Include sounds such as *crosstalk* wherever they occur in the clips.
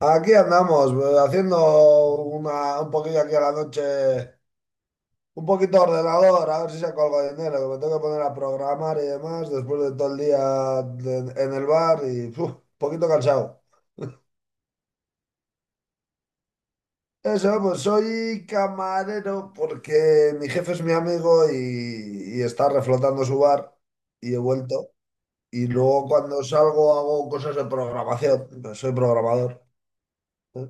Aquí andamos, pues, haciendo un poquillo aquí a la noche, un poquito de ordenador, a ver si saco algo de dinero, que me tengo que poner a programar y demás después de todo el día de- en el bar y uf, un poquito cansado. Eso, pues soy camarero porque mi jefe es mi amigo y está reflotando su bar y he vuelto. Y luego cuando salgo hago cosas de programación, pues soy programador. ¿Eh?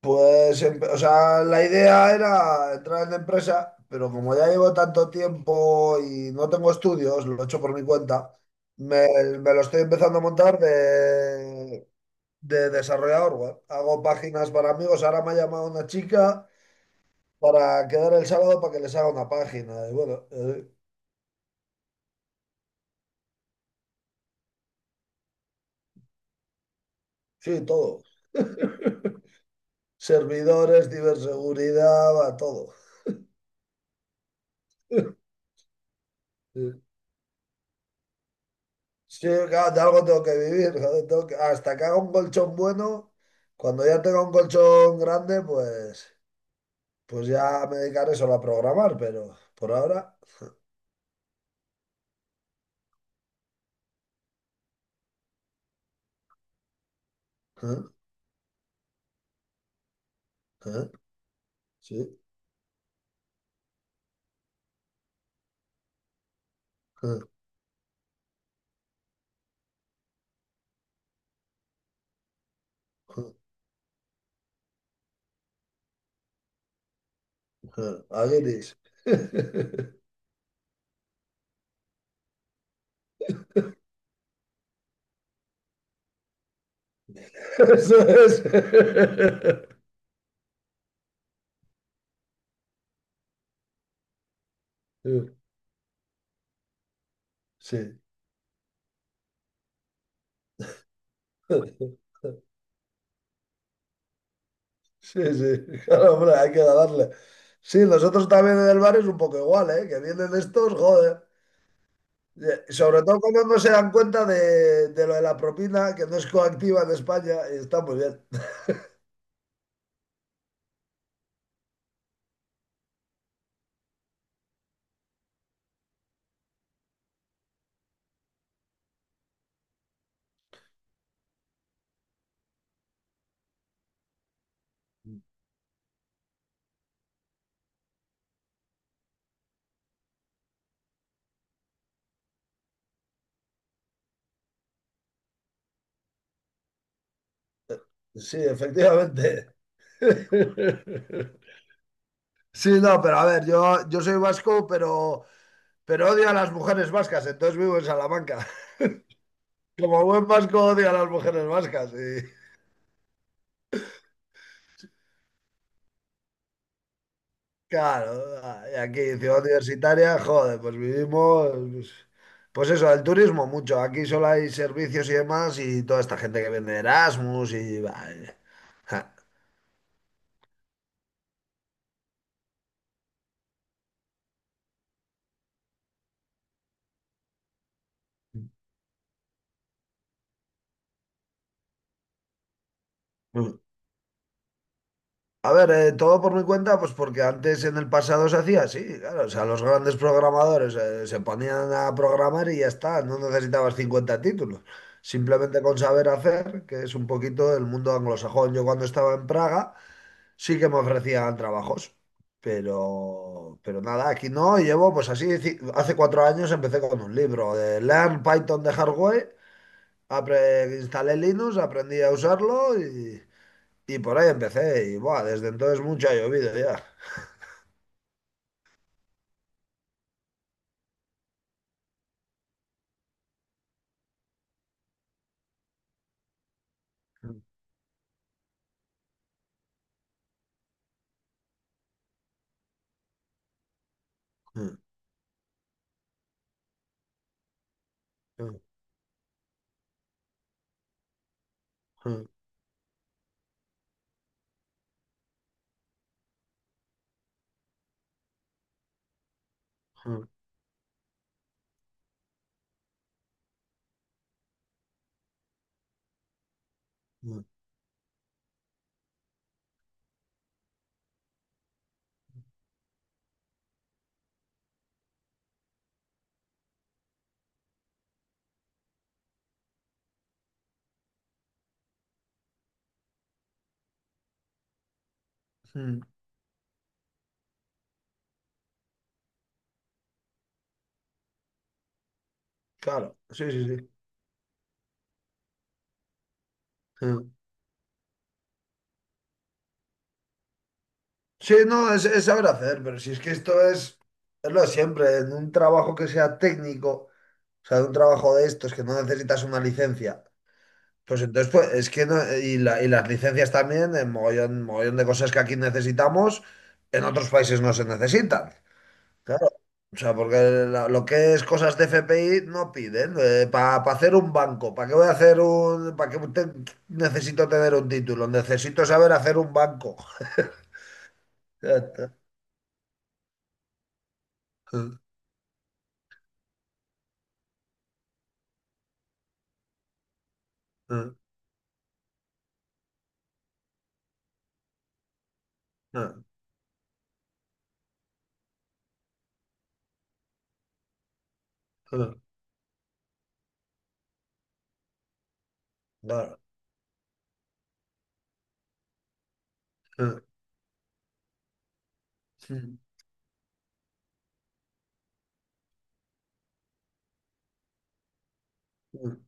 Pues, o sea, la idea era entrar en la empresa, pero como ya llevo tanto tiempo y no tengo estudios, lo he hecho por mi cuenta, me, me lo estoy empezando a montar de desarrollador web. Hago páginas para amigos. Ahora me ha llamado una chica para quedar el sábado para que les haga una página. Y bueno, sí, todo. *laughs* Servidores, ciberseguridad, va, todo. *laughs* Sí, claro, de algo tengo que vivir. Joder, tengo que- Hasta que haga un colchón bueno, cuando ya tenga un colchón grande, pues, pues ya me dedicaré solo a programar, pero por ahora... *laughs* ¿Eh? ¿Eh? Sí. ¿Eh? ¿Eh? ¿Eh? Aguiris. *laughs* Eso es. Sí. *laughs* Sí, sí. Claro, hombre, hay que darle. Sí, nosotros también en el bar es un poco igual, ¿eh? Que vienen estos, joder. Sobre todo cuando no se dan cuenta de lo de la propina, que no es coactiva en España, y está muy bien. *laughs* Sí, efectivamente. *laughs* Sí, no, pero a ver, yo soy vasco, pero odio a las mujeres vascas, entonces vivo en Salamanca. *laughs* Como buen vasco odio a las mujeres vascas. Y *laughs* claro, y aquí, ciudad universitaria, joder, pues vivimos, pues, pues eso, el turismo mucho. Aquí solo hay servicios y demás y toda esta gente que vende Erasmus y... bah, ja. A ver, todo por mi cuenta, pues porque antes en el pasado se hacía así, claro, o sea, los grandes programadores se ponían a programar y ya está, no necesitabas 50 títulos, simplemente con saber hacer, que es un poquito el mundo anglosajón. Yo cuando estaba en Praga sí que me ofrecían trabajos, pero nada, aquí no, y llevo pues así, ci- hace 4 años empecé con un libro de Learn Python the Hard Way, apre- instalé Linux, aprendí a usarlo y por ahí empecé y buah, desde entonces mucho ha llovido ya. Claro, sí, sí, sí. Sí, no, es saber hacer, pero si es que esto es lo de siempre, en un trabajo que sea técnico, o sea, un trabajo de estos que no necesitas una licencia, pues entonces pues, es que no, y, la- y las licencias también, en mogollón, mogollón de cosas que aquí necesitamos, en otros países no se necesitan. Claro, o sea, porque la- lo que es cosas de FPI no piden. Para hacer un banco, ¿para qué voy a hacer un... ¿Para qué te- necesito tener un título? Necesito saber hacer un banco. *laughs* Ya está. Claro. Sí. No,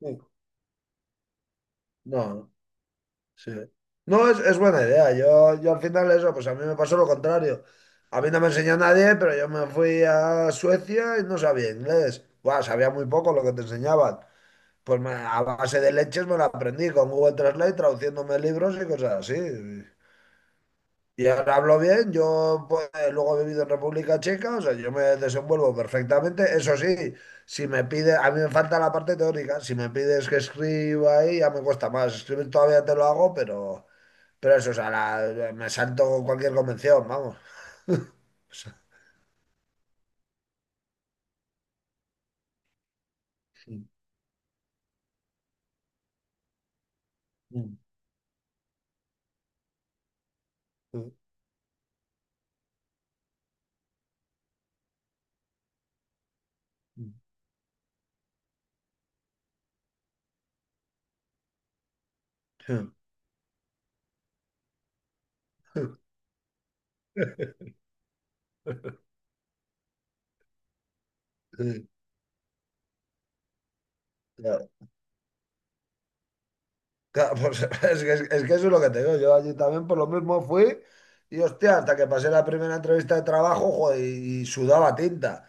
no, no. Sí. No, es buena idea. Yo al final eso, pues a mí me pasó lo contrario. A mí no me enseñó nadie, pero yo me fui a Suecia y no sabía inglés. Buah, sabía muy poco lo que te enseñaban. Pues me- a base de leches me lo aprendí con Google Translate, traduciéndome libros y cosas así. Y ahora hablo bien, yo pues, luego he vivido en República Checa, o sea, yo me desenvuelvo perfectamente. Eso sí, si me pide, a mí me falta la parte teórica, si me pides que escriba ahí ya me cuesta más. Escribir todavía te lo hago, pero... Pero eso, o sea, la- me salto cualquier convención, vamos. *laughs* O sea, claro, claro, pues, es que, que eso es lo que te digo. Yo allí también por lo mismo fui y hostia, hasta que pasé la primera entrevista de trabajo, joder, y sudaba tinta.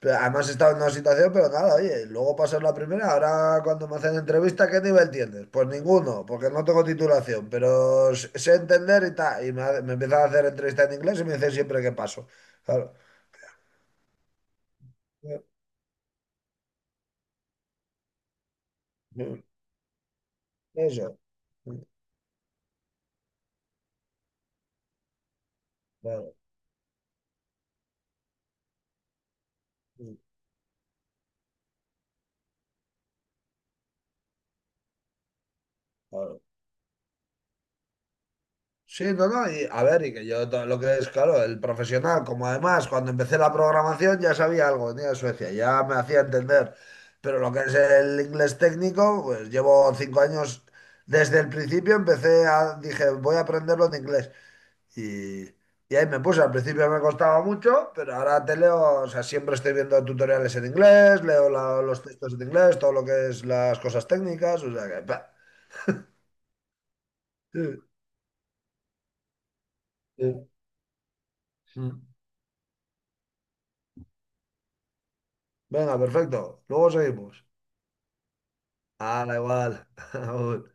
Pero además he estado en una situación, pero nada, oye, luego pasó la primera, ahora cuando me hacen entrevista, ¿qué nivel tienes? Pues ninguno, porque no tengo titulación, pero s- sé entender y tal. Y me, ha- me empiezan a hacer entrevista en inglés y me dicen siempre que paso. Claro. Eso. Claro. Claro. Sí, no, no, y a ver, y que yo todo lo que es, claro, el profesional, como además cuando empecé la programación ya sabía algo, venía de Suecia, ya me hacía entender, pero lo que es el inglés técnico, pues llevo 5 años, desde el principio empecé a, dije, voy a aprenderlo en inglés, y, y ahí me puse, al principio me costaba mucho, pero ahora te leo, o sea, siempre estoy viendo tutoriales en inglés, leo la- los textos en inglés, todo lo que es las cosas técnicas, o sea que... pa. Sí, sí. Venga, perfecto, luego seguimos. Hala, igual. *laughs* Aún.